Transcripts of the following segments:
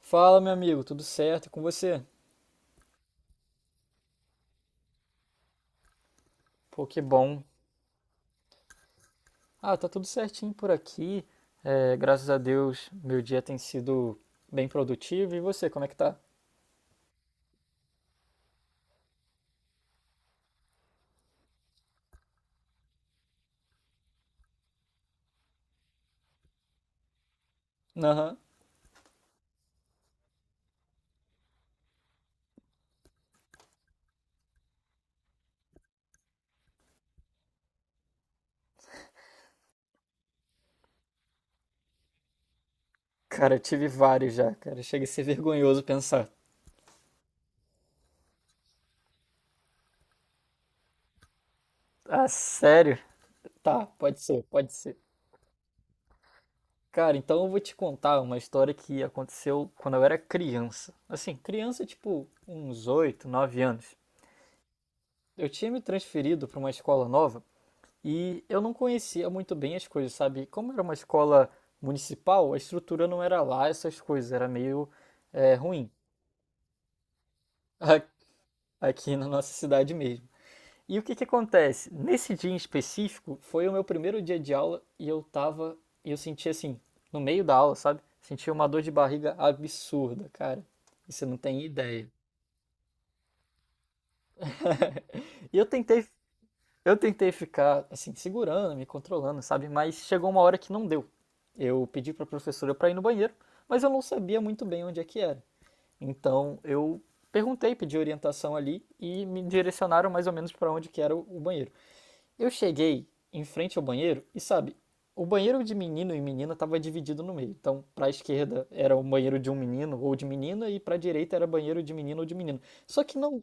Fala, meu amigo, tudo certo. E com você? Pô, que bom. Ah, tá tudo certinho por aqui. É, graças a Deus, meu dia tem sido bem produtivo. E você, como é que tá? Aham. Cara, eu tive vários já, cara. Chega a ser vergonhoso pensar. Ah, sério? Tá, pode ser, pode ser. Cara, então eu vou te contar uma história que aconteceu quando eu era criança. Assim, criança, tipo, uns 8, 9 anos. Eu tinha me transferido para uma escola nova e eu não conhecia muito bem as coisas, sabe? Como era uma escola municipal, a estrutura não era lá essas coisas, era meio ruim. a- Aqui na nossa cidade mesmo. E o que que acontece? Nesse dia em específico, foi o meu primeiro dia de aula e eu senti assim, no meio da aula, sabe? Senti uma dor de barriga absurda, cara. E você não tem ideia. E eu tentei Eu tentei ficar, assim, segurando, me controlando, sabe? Mas chegou uma hora que não deu. Eu pedi para a professora para ir no banheiro, mas eu não sabia muito bem onde é que era. Então eu perguntei, pedi orientação ali e me direcionaram mais ou menos para onde que era o banheiro. Eu cheguei em frente ao banheiro e sabe, o banheiro de menino e menina estava dividido no meio. Então, para a esquerda era o banheiro de um menino ou de menina e para a direita era banheiro de menino ou de menina. Só que não,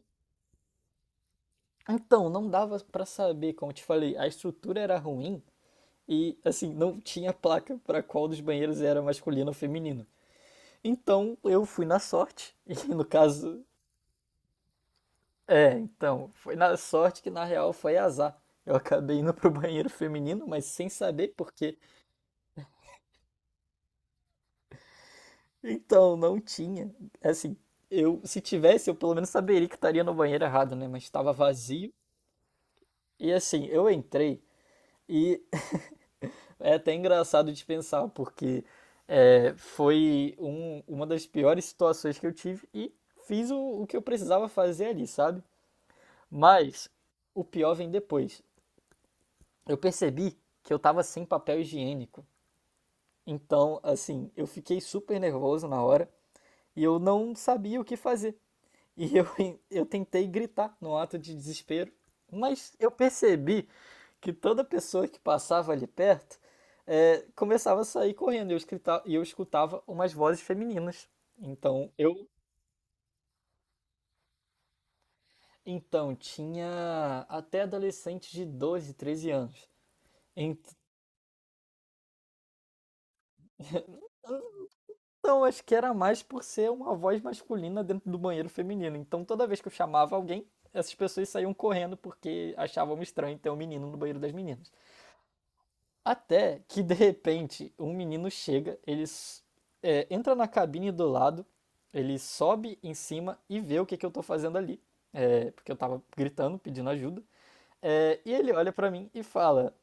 então não dava para saber, como eu te falei, a estrutura era ruim e assim não tinha placa para qual dos banheiros era masculino ou feminino. Então eu fui na sorte e no caso então foi na sorte que na real foi azar. Eu acabei indo pro banheiro feminino, mas sem saber por quê. Então não tinha, assim, eu se tivesse eu pelo menos saberia que estaria no banheiro errado, né? Mas estava vazio e assim eu entrei e é até engraçado de pensar, porque foi uma das piores situações que eu tive e fiz o que eu precisava fazer ali, sabe? Mas o pior vem depois. Eu percebi que eu tava sem papel higiênico. Então, assim, eu fiquei super nervoso na hora e eu não sabia o que fazer. E eu, eu tentei gritar no ato de desespero, mas eu percebi que toda pessoa que passava ali perto começava a sair correndo e eu, e eu escutava umas vozes femininas. Então eu então tinha até adolescentes de 12, 13 anos. Então acho que era mais por ser uma voz masculina dentro do banheiro feminino. Então toda vez que eu chamava alguém, essas pessoas saíam correndo porque achavam estranho ter um menino no banheiro das meninas. Até que de repente um menino chega, ele entra na cabine do lado, ele sobe em cima e vê que eu tô fazendo ali, porque eu tava gritando, pedindo ajuda, e ele olha pra mim e fala: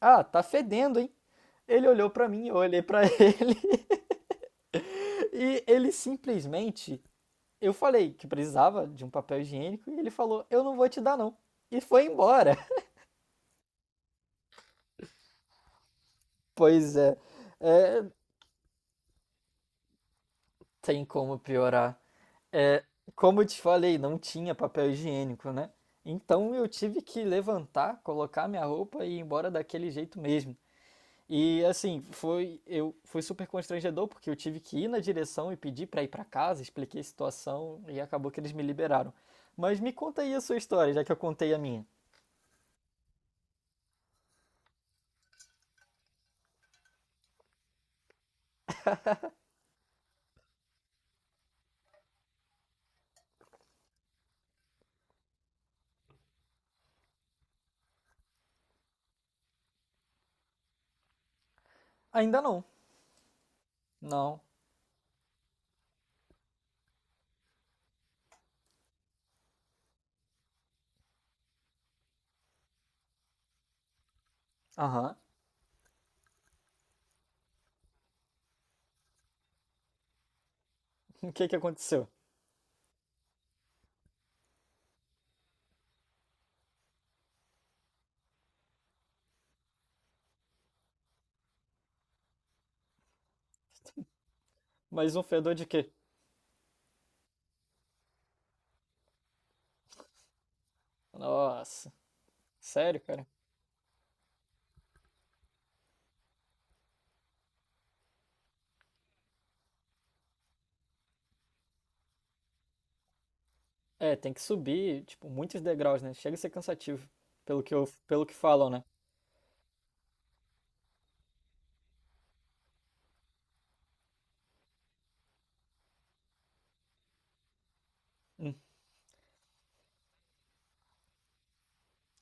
Ah, tá fedendo, hein? Ele olhou pra mim, eu olhei pra ele, e ele simplesmente. Eu falei que precisava de um papel higiênico e ele falou: Eu não vou te dar, não. E foi embora. Pois é, é tem como piorar. É, como eu te falei, não tinha papel higiênico, né? Então eu tive que levantar, colocar minha roupa e ir embora daquele jeito mesmo. E assim, foi super constrangedor porque eu tive que ir na direção e pedir para ir para casa, expliquei a situação e acabou que eles me liberaram. Mas me conta aí a sua história, já que eu contei a minha. Ainda não. Não. Aham. O que que aconteceu? Mais um fedor de quê? Nossa. Sério, cara? É, tem que subir, tipo, muitos degraus, né? Chega a ser cansativo, pelo que falam, né?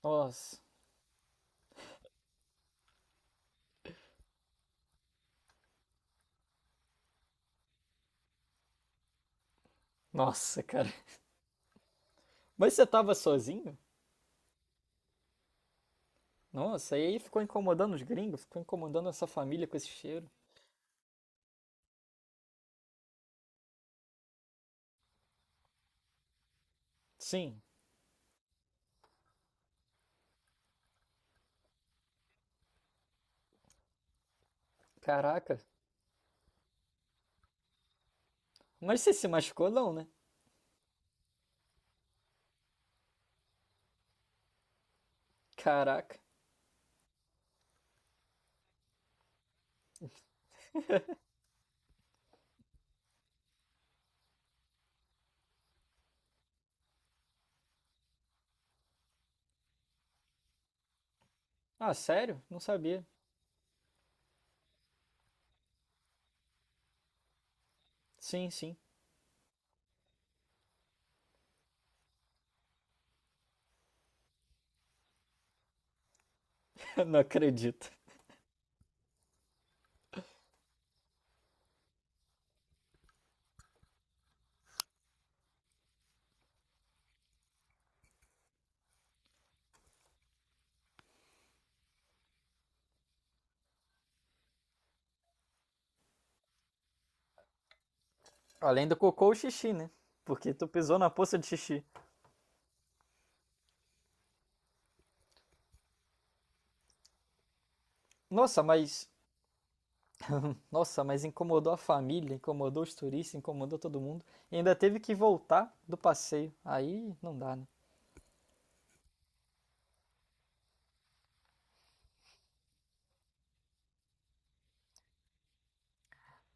Nossa, nossa, cara. Mas você tava sozinho? Nossa, e aí ficou incomodando os gringos, ficou incomodando essa família com esse cheiro. Sim, caraca. Mas você se machucou não, né? Caraca. Ah, sério? Não sabia. Sim, sim. Não acredito. Além do cocô, o xixi, né? Porque tu pisou na poça de xixi. Nossa, mas Nossa, mas incomodou a família, incomodou os turistas, incomodou todo mundo. E ainda teve que voltar do passeio. Aí não dá, né?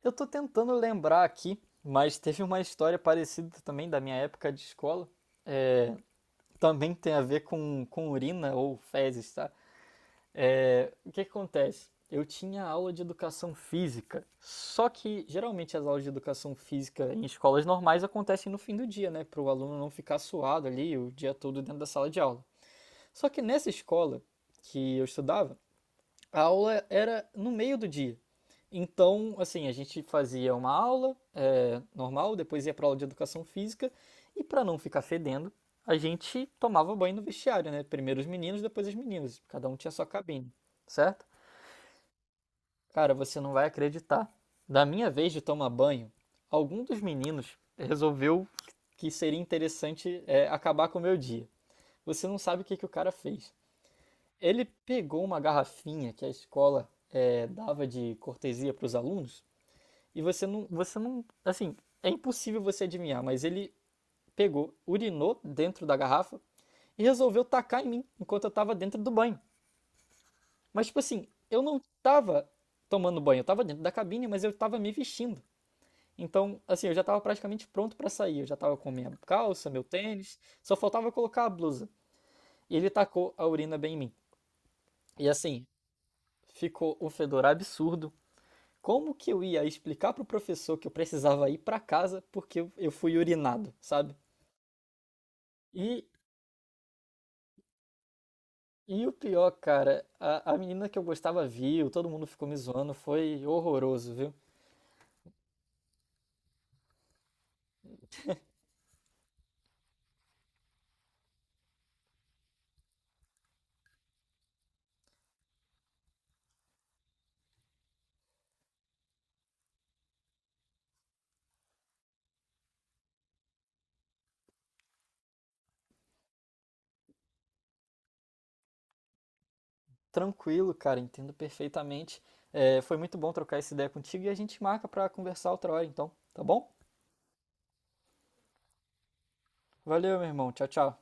Eu tô tentando lembrar aqui, mas teve uma história parecida também da minha época de escola. Também tem a ver com urina ou fezes, tá? É, o que que acontece? Eu tinha aula de educação física, só que geralmente as aulas de educação física em escolas normais acontecem no fim do dia, né? Para o aluno não ficar suado ali o dia todo dentro da sala de aula. Só que nessa escola que eu estudava, a aula era no meio do dia. Então, assim, a gente fazia uma aula normal, depois ia para aula de educação física e para não ficar fedendo, a gente tomava banho no vestiário, né? Primeiro os meninos, depois as meninas. Cada um tinha sua cabine, certo? Cara, você não vai acreditar. Da minha vez de tomar banho, algum dos meninos resolveu que seria interessante acabar com o meu dia. Você não sabe que o cara fez. Ele pegou uma garrafinha que a escola dava de cortesia para os alunos e você não, assim, é impossível você adivinhar, mas ele pegou, urinou dentro da garrafa e resolveu tacar em mim enquanto eu estava dentro do banho. Mas tipo assim, eu não estava tomando banho, eu estava dentro da cabine, mas eu estava me vestindo. Então, assim, eu já estava praticamente pronto para sair, eu já estava com minha calça, meu tênis, só faltava colocar a blusa. E ele tacou a urina bem em mim. E assim, ficou um fedor absurdo. Como que eu ia explicar pro professor que eu precisava ir pra casa porque eu fui urinado, sabe? E, e o pior, cara, a menina que eu gostava viu, todo mundo ficou me zoando, foi horroroso, viu? Tranquilo, cara, entendo perfeitamente. É, foi muito bom trocar essa ideia contigo e a gente marca pra conversar outra hora, então, tá bom? Valeu, meu irmão. Tchau, tchau.